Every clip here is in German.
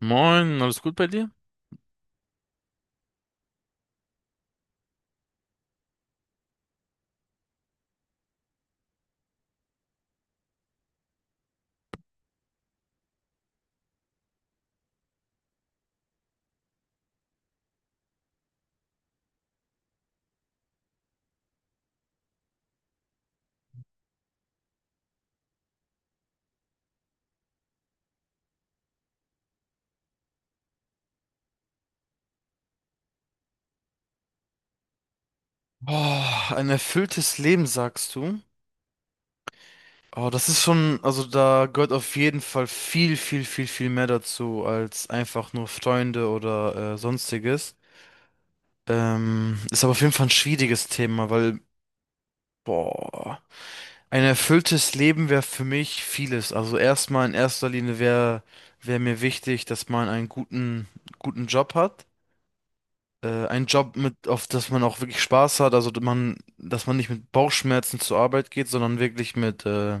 Moin, alles gut bei dir? Boah, ein erfülltes Leben, sagst du? Oh, das ist schon, also da gehört auf jeden Fall viel, viel, viel, viel mehr dazu als einfach nur Freunde oder sonstiges. Ist aber auf jeden Fall ein schwieriges Thema, weil, boah, ein erfülltes Leben wäre für mich vieles. Also erstmal in erster Linie wär mir wichtig, dass man einen guten Job hat. Ein Job mit, auf das man auch wirklich Spaß hat, also dass man nicht mit Bauchschmerzen zur Arbeit geht, sondern wirklich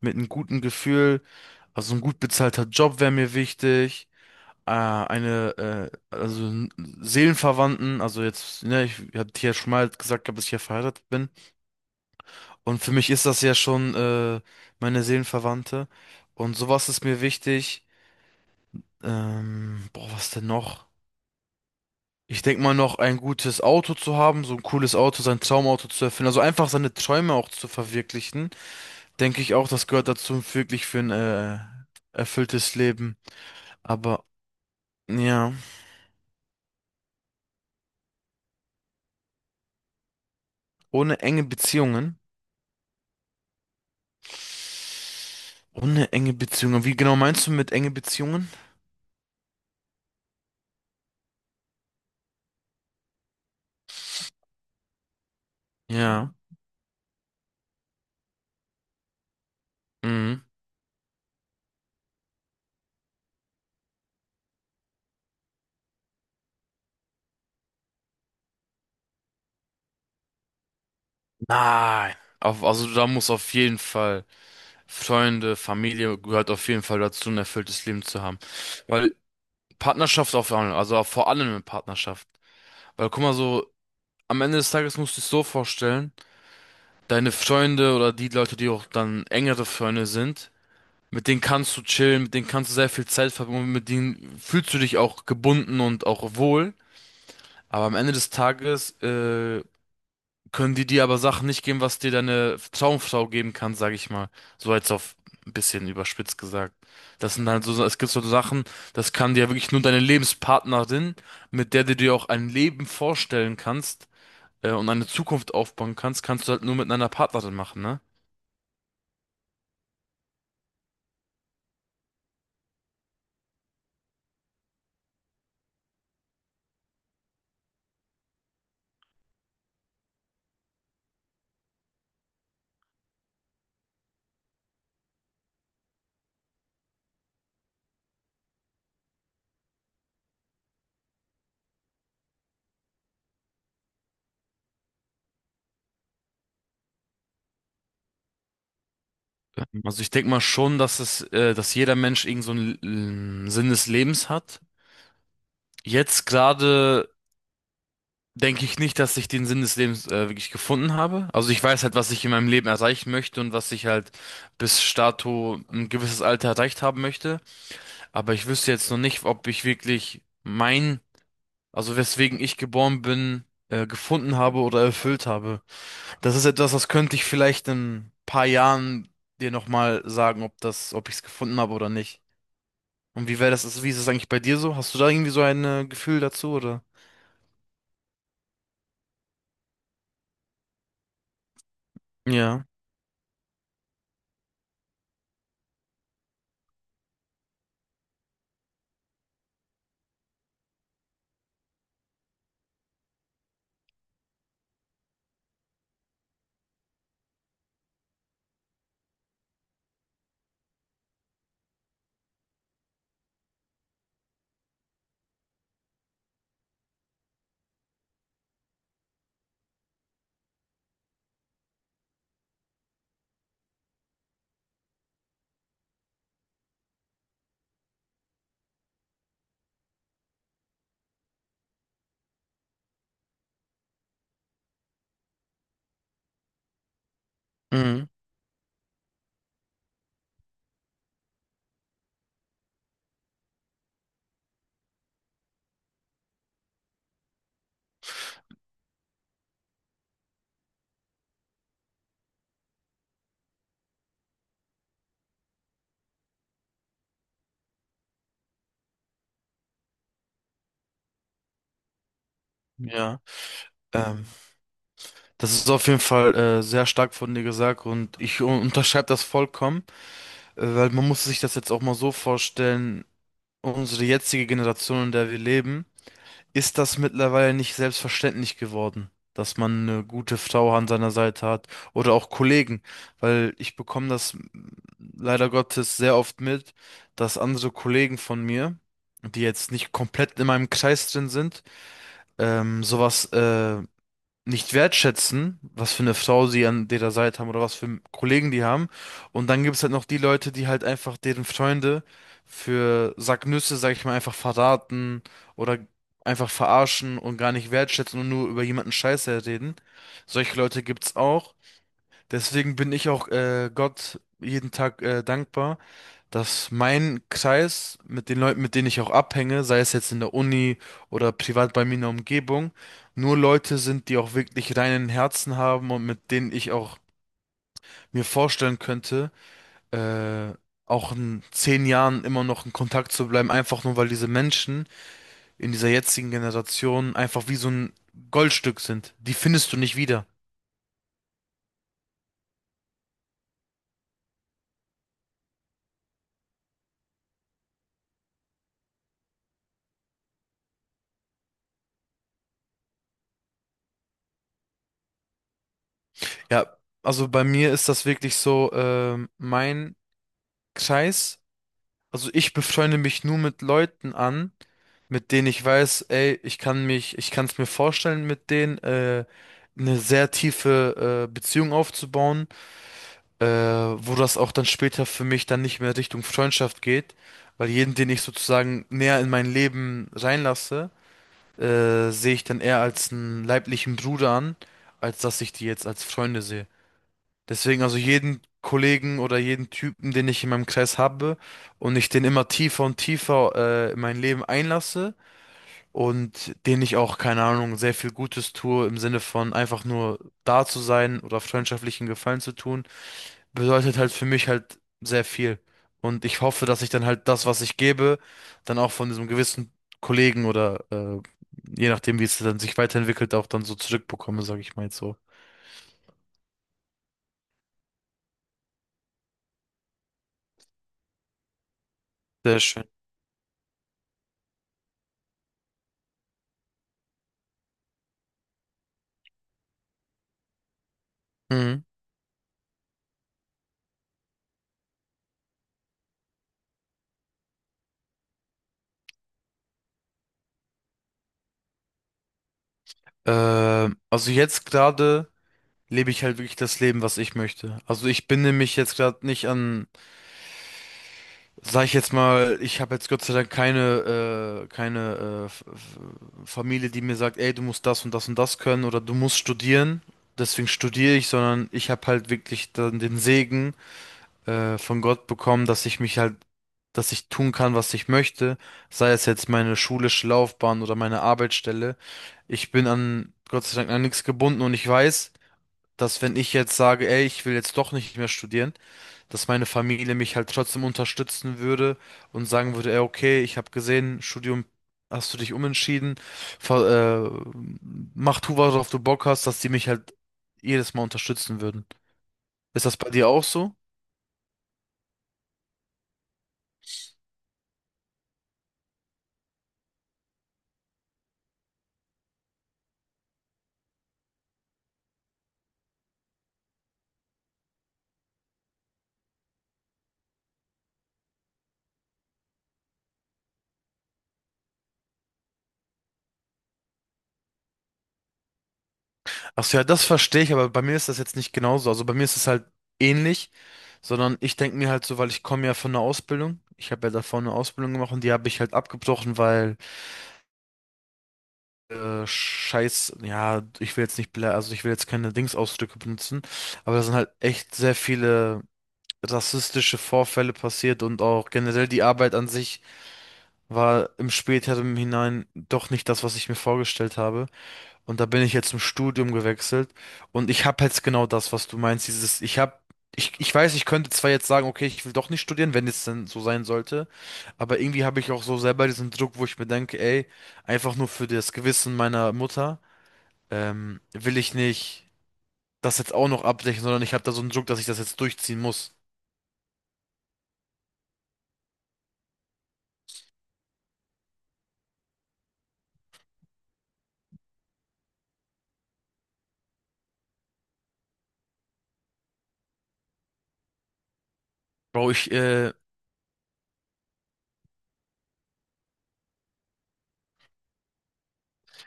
mit einem guten Gefühl. Also ein gut bezahlter Job wäre mir wichtig. Äh, eine, äh, also n- Seelenverwandten, also jetzt, ne, ich hatte ja schon mal gehabt, dass ich ja verheiratet bin. Und für mich ist das ja schon meine Seelenverwandte. Und sowas ist mir wichtig. Was denn noch? Ich denke mal noch ein gutes Auto zu haben, so ein cooles Auto, sein Traumauto zu erfüllen, also einfach seine Träume auch zu verwirklichen, denke ich auch, das gehört dazu wirklich für ein erfülltes Leben. Aber ja, ohne enge Beziehungen. Ohne enge Beziehungen. Wie genau meinst du mit enge Beziehungen? Ja. Mhm. Mhm. Nein. Auf, also da muss auf jeden Fall Freunde, Familie gehört auf jeden Fall dazu, ein erfülltes Leben zu haben. Weil Partnerschaft auf allem, also vor allem eine Partnerschaft. Weil guck mal so, am Ende des Tages musst du es so vorstellen, deine Freunde oder die Leute, die auch dann engere Freunde sind, mit denen kannst du chillen, mit denen kannst du sehr viel Zeit verbringen, und mit denen fühlst du dich auch gebunden und auch wohl. Aber am Ende des Tages, können die dir aber Sachen nicht geben, was dir deine Traumfrau geben kann, sag ich mal. So jetzt auf ein bisschen überspitzt gesagt. Das sind halt so, es gibt so Sachen, das kann dir wirklich nur deine Lebenspartnerin, mit der du dir auch ein Leben vorstellen kannst und eine Zukunft aufbauen kannst, kannst du halt nur mit einer Partnerin machen, ne? Also ich denke mal schon, dass jeder Mensch irgend so einen Sinn des Lebens hat. Jetzt gerade denke ich nicht, dass ich den Sinn des Lebens wirklich gefunden habe. Also ich weiß halt, was ich in meinem Leben erreichen möchte und was ich halt bis dato ein gewisses Alter erreicht haben möchte. Aber ich wüsste jetzt noch nicht, ob ich wirklich mein, also weswegen ich geboren bin, gefunden habe oder erfüllt habe. Das ist etwas, das könnte ich vielleicht in ein paar Jahren dir nochmal sagen, ob das, ob ich es gefunden habe oder nicht. Und wie wäre das, wie ist es eigentlich bei dir so? Hast du da irgendwie so ein Gefühl dazu, oder? Ja. Mhm. Ja. Ähm, das ist auf jeden Fall sehr stark von dir gesagt und ich unterschreibe das vollkommen, weil man muss sich das jetzt auch mal so vorstellen, unsere jetzige Generation, in der wir leben. Ist das mittlerweile nicht selbstverständlich geworden, dass man eine gute Frau an seiner Seite hat oder auch Kollegen, weil ich bekomme das leider Gottes sehr oft mit, dass andere Kollegen von mir, die jetzt nicht komplett in meinem Kreis drin sind, sowas nicht wertschätzen, was für eine Frau sie an ihrer Seite haben oder was für Kollegen die haben. Und dann gibt es halt noch die Leute, die halt einfach deren Freunde für Sacknüsse, sag ich mal, einfach verraten oder einfach verarschen und gar nicht wertschätzen und nur über jemanden Scheiße reden. Solche Leute gibt's auch. Deswegen bin ich auch Gott jeden Tag dankbar, dass mein Kreis mit den Leuten, mit denen ich auch abhänge, sei es jetzt in der Uni oder privat bei mir in der Umgebung, nur Leute sind, die auch wirklich reinen Herzen haben und mit denen ich auch mir vorstellen könnte, äh, auch in zehn Jahren immer noch in Kontakt zu bleiben, einfach nur weil diese Menschen in dieser jetzigen Generation einfach wie so ein Goldstück sind. Die findest du nicht wieder. Ja, also bei mir ist das wirklich so, mein Kreis, also ich befreunde mich nur mit Leuten an, mit denen ich weiß, ey, ich kann es mir vorstellen, mit denen eine sehr tiefe Beziehung aufzubauen, wo das auch dann später für mich dann nicht mehr Richtung Freundschaft geht, weil jeden, den ich sozusagen näher in mein Leben reinlasse, sehe ich dann eher als einen leiblichen Bruder an, als dass ich die jetzt als Freunde sehe. Deswegen also jeden Kollegen oder jeden Typen, den ich in meinem Kreis habe und ich den immer tiefer und tiefer in mein Leben einlasse, und denen ich auch, keine Ahnung, sehr viel Gutes tue im Sinne von einfach nur da zu sein oder freundschaftlichen Gefallen zu tun, bedeutet halt für mich halt sehr viel. Und ich hoffe, dass ich dann halt das, was ich gebe, dann auch von diesem gewissen Kollegen oder je nachdem, wie es dann sich weiterentwickelt, auch dann so zurückbekomme, sage ich mal jetzt so. Sehr schön. Mhm. Also jetzt gerade lebe ich halt wirklich das Leben, was ich möchte. Also ich binde mich jetzt gerade nicht an. Sag ich jetzt mal, ich habe jetzt Gott sei Dank keine Familie, die mir sagt, ey, du musst das und das und das können oder du musst studieren. Deswegen studiere ich, sondern ich habe halt wirklich dann den Segen von Gott bekommen, dass ich tun kann, was ich möchte, sei es jetzt meine schulische Laufbahn oder meine Arbeitsstelle. Ich bin an Gott sei Dank an nichts gebunden und ich weiß, dass wenn ich jetzt sage, ey, ich will jetzt doch nicht mehr studieren, dass meine Familie mich halt trotzdem unterstützen würde und sagen würde, ey, okay, ich habe gesehen, Studium hast du dich umentschieden, ver- äh, mach tu, worauf du Bock hast, dass die mich halt jedes Mal unterstützen würden. Ist das bei dir auch so? Ach so, ja, das verstehe ich, aber bei mir ist das jetzt nicht genauso. Also bei mir ist es halt ähnlich, sondern ich denke mir halt so, weil ich komme ja von einer Ausbildung. Ich habe ja davor eine Ausbildung gemacht und die habe ich halt abgebrochen, weil Scheiß, ja, ich will jetzt nicht, blä- also ich will jetzt keine Dingsausdrücke benutzen, aber da sind halt echt sehr viele rassistische Vorfälle passiert und auch generell die Arbeit an sich war im späteren hinein doch nicht das, was ich mir vorgestellt habe. Und da bin ich jetzt im Studium gewechselt und ich habe jetzt genau das, was du meinst, dieses, ich weiß, ich könnte zwar jetzt sagen, okay, ich will doch nicht studieren, wenn es denn so sein sollte, aber irgendwie habe ich auch so selber diesen Druck, wo ich mir denke, ey, einfach nur für das Gewissen meiner Mutter will ich nicht das jetzt auch noch abdecken, sondern ich habe da so einen Druck, dass ich das jetzt durchziehen muss. Bro, ich, äh,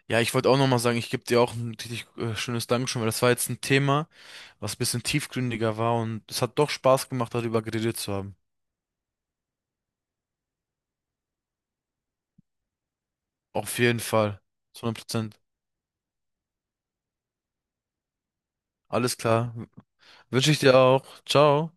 ja, ich wollte auch nochmal sagen, ich gebe dir auch ein richtig schönes Dankeschön, weil das war jetzt ein Thema, was ein bisschen tiefgründiger war und es hat doch Spaß gemacht, darüber geredet zu haben. Auf jeden Fall. 100%. Alles klar. Wünsche ich dir auch. Ciao.